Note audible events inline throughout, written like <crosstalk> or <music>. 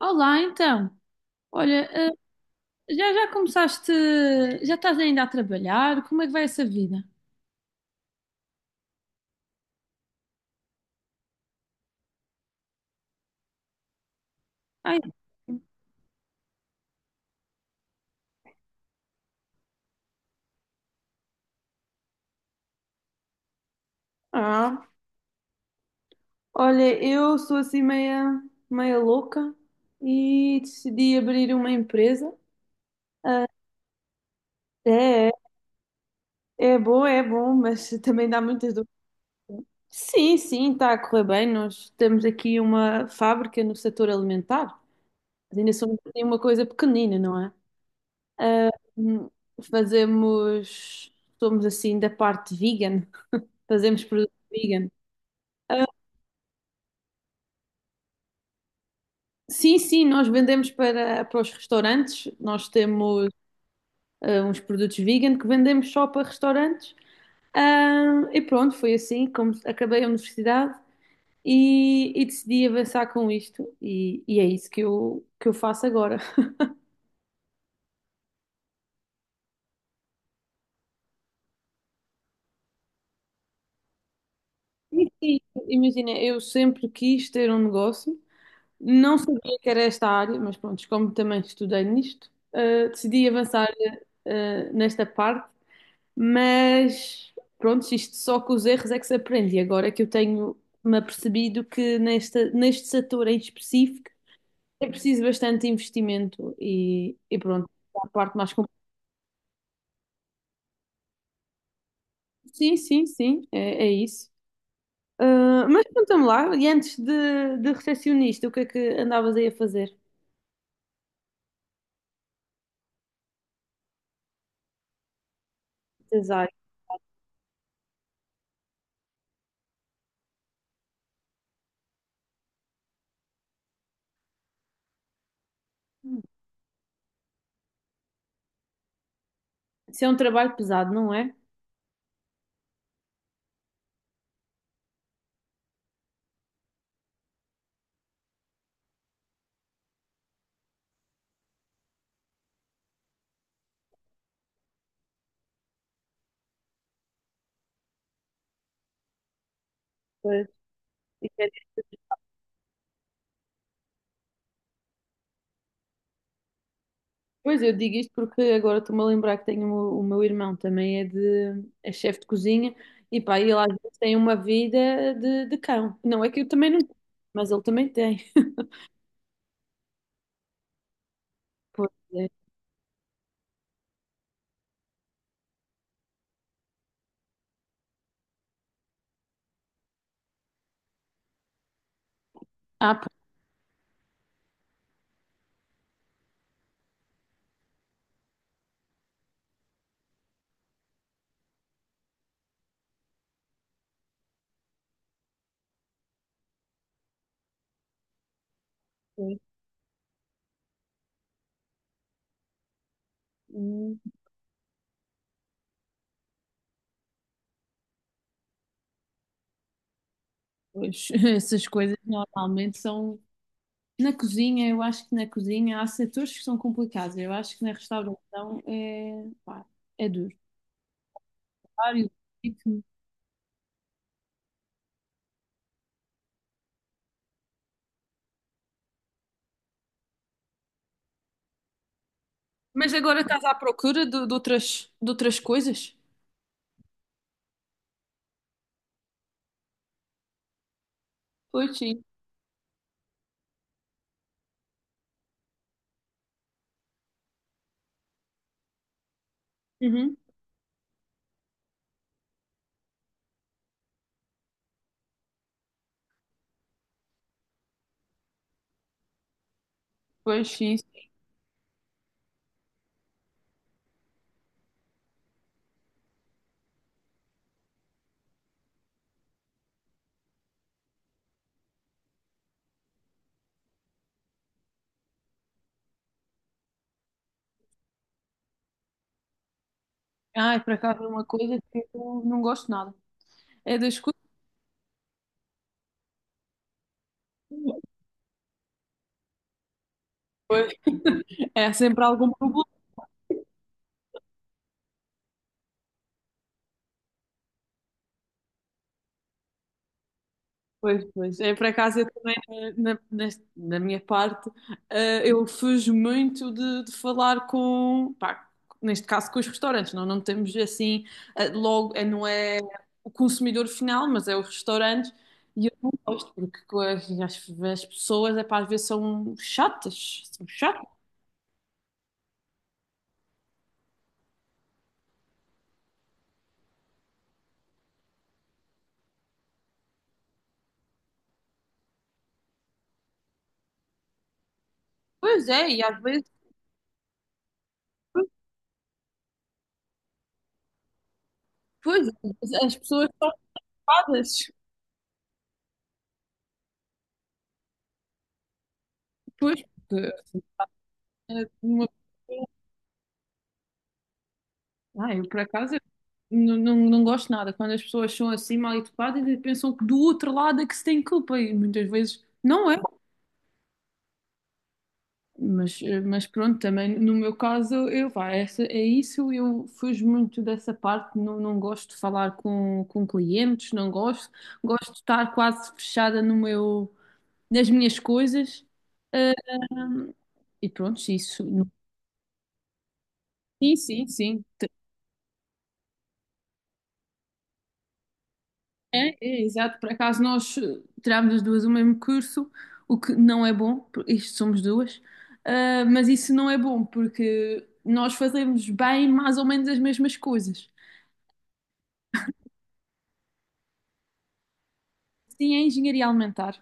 Olá, então. Olha, já começaste, já estás ainda a trabalhar? Como é que vai essa vida? Ai, ah, olha, eu sou assim meia, meia louca e decidi abrir uma empresa. Ah, é, é bom, mas <laughs> também dá muitas dúvidas. Sim, sim, está a correr bem. Nós temos aqui uma fábrica no setor alimentar. Mas ainda somos assim uma coisa pequenina, não é? Ah, hum, fazemos, somos assim da parte vegan. Fazemos produto vegan. Sim, sim, nós vendemos para, para os restaurantes. Nós temos uns produtos vegan que vendemos só para restaurantes. Ah, e pronto, foi assim como acabei a universidade e decidi avançar com isto. E é isso que eu faço agora. <laughs> E sim, imagina, eu sempre quis ter um negócio. Não sabia que era esta área, mas pronto, como também estudei nisto, decidi avançar, nesta parte. Mas pronto, isto só com os erros é que se aprende. E agora que eu tenho me apercebido que nesta, neste setor em específico é preciso bastante investimento e pronto, a parte mais complicada. Sim, sim, sim, é, é isso. Ah, mas conta-me lá, e antes de recepcionista, o que é que andavas aí a fazer? Design. Isso é um trabalho pesado, não é? Pois. Pois, eu digo isto porque agora estou-me a lembrar que tenho o meu irmão também é de é chefe de cozinha e pá, ele às vezes tem uma vida de cão. Não é que eu também não tenho, mas ele também tem. Pois é. Ah, pois, é. Hum, pois, <laughs> essas coisas normalmente são na cozinha, eu acho que na cozinha há setores que são complicados. Eu acho que na restauração é, pá, é duro. Vários ritmos. Mas agora estás à procura de outras coisas? Pois sim. Uhum. Pois sim. Ai, por acaso é uma coisa que eu não gosto nada. É das coisas. Pois. É sempre algum problema. Pois, pois. É por acaso eu também, na, na, nas- na minha parte, eu fujo muito de falar com, pá, neste caso com os restaurantes. Não, não temos assim, logo, não é o consumidor final, mas é os restaurantes. E eu não gosto, porque co- as pessoas, é pá, às vezes são chatas. São chatas. Pois é, e às vezes, pois, pois, as pessoas são ocupadas. Pois, porque, assim, é uma- ah, eu por acaso não, não, não gosto nada quando as pessoas são assim mal educadas e pensam que do outro lado é que se tem culpa e muitas vezes não é. Mas, mas pronto, também no meu caso, eu, vá, essa, é isso, eu fujo muito dessa parte, não, não gosto de falar com clientes, não gosto, gosto de estar quase fechada no meu, nas minhas coisas. Eh, e pronto, isso. Sim, sim, sim. É, é, exato. Por acaso nós tirámos as duas o mesmo curso, o que não é bom, porque isto somos duas. Ah, mas isso não é bom porque nós fazemos bem mais ou menos as mesmas coisas. Sim, é engenharia alimentar.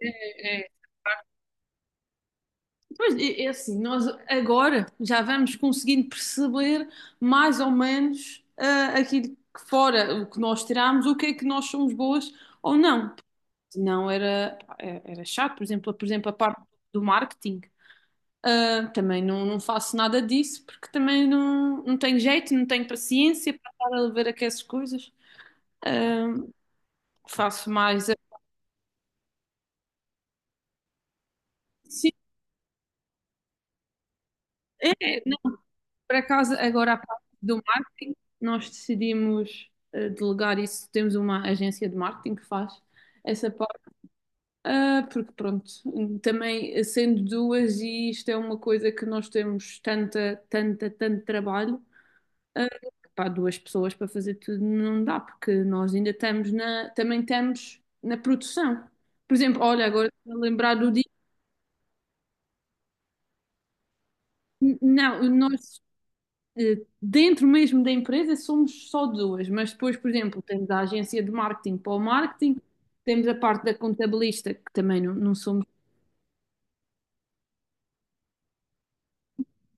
É, é. Pois é, é assim, nós agora já vamos conseguindo perceber mais ou menos aquilo que fora, o que nós tiramos, o que é que nós somos boas ou não. Não era, é, era chato, por exemplo, a parte do marketing. Ah, também não, não faço nada disso porque também não, não tenho jeito, não tenho paciência para estar a ver aquelas coisas. Ah, faço mais. A- Sim, é, não, por acaso, agora a parte do marketing, nós decidimos delegar isso. Temos uma agência de marketing que faz essa parte. Ah, porque pronto, também sendo duas, e isto é uma coisa que nós temos tanta, tanta, tanto trabalho. Ah, pá, duas pessoas para fazer tudo não dá, porque nós ainda estamos na, também estamos na produção. Por exemplo, olha, agora estou a lembrar do dia, não, nós dentro mesmo da empresa somos só duas, mas depois, por exemplo, temos a agência de marketing para o marketing, temos a parte da contabilista, que também não, não somos,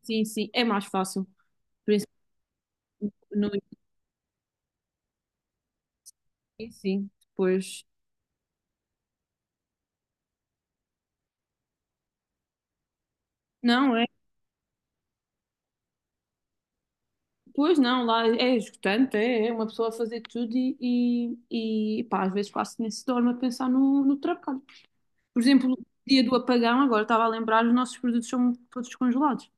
sim, sim, é mais fácil. Por isso, no início, sim, depois, não, é. Pois não, lá é esgotante, é, é uma pessoa a fazer tudo e, pá, às vezes quase nem se dorme a pensar no, no trabalho. Por exemplo, o dia do apagão, agora estava a lembrar, os nossos produtos são todos congelados.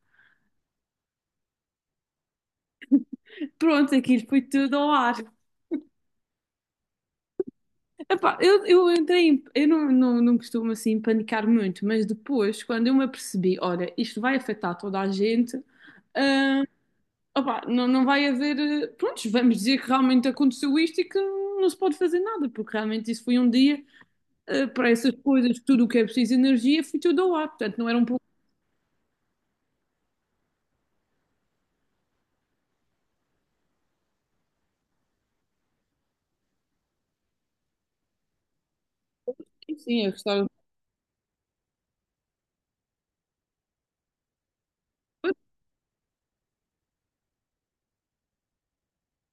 Pronto, aquilo foi tudo ao ar. Epá, eu entrei, em- eu não, não, não costumo assim panicar muito, mas depois, quando eu me apercebi, olha, isto vai afetar toda a gente, ah, opá, não, não vai haver, prontos, vamos dizer que realmente aconteceu isto e que não se pode fazer nada, porque realmente isso foi um dia. Para essas coisas, tudo o que é preciso de energia, foi tudo ao ar. Portanto, não era um problema. Sim, eu gostava. Pois,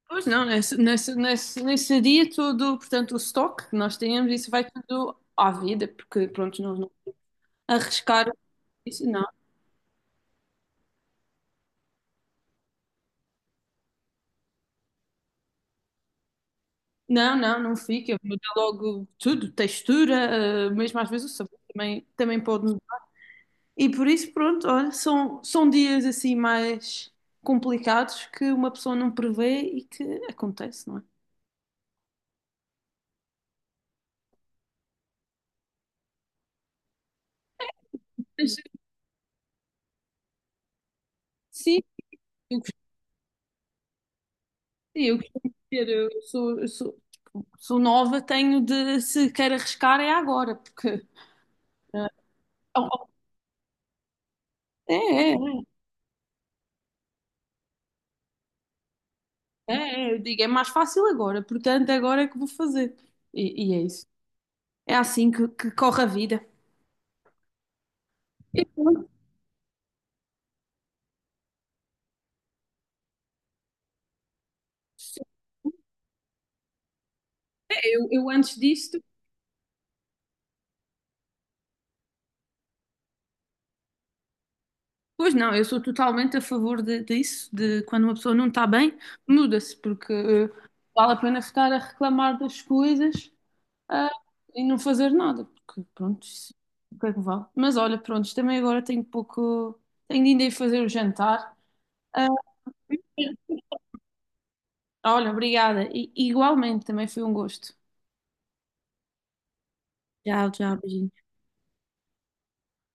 pois não, nesse, nesse, nesse, nesse dia todo, portanto, o estoque que nós temos, isso vai tudo à vida, porque, pronto, não, não arriscar isso, não. Não, não, não fica. Muda logo tudo, textura, mesmo às vezes o sabor também, também pode mudar. E por isso, pronto, olha, são, são dias assim mais complicados que uma pessoa não prevê e que acontece, não é? Mas, sim, sim, eu costumo dizer, eu sou, sou nova, tenho de, se quer arriscar, é agora, porque eh, é, é, é, é, eu digo, é mais fácil agora, portanto, agora é que vou fazer. E é isso. É assim que corre a vida. E pronto, eu antes disto, pois não, eu sou totalmente a favor de, disso, de quando uma pessoa não está bem, muda-se, porque vale a pena ficar a reclamar das coisas. Ah, e não fazer nada, porque pronto, isso- é o que é que vale? Mas olha, pronto, também agora tenho pouco, tenho de ainda ir fazer o jantar. Ah, olha, obrigada. E, igualmente, também foi um gosto. Tchau, tchau, beijinho.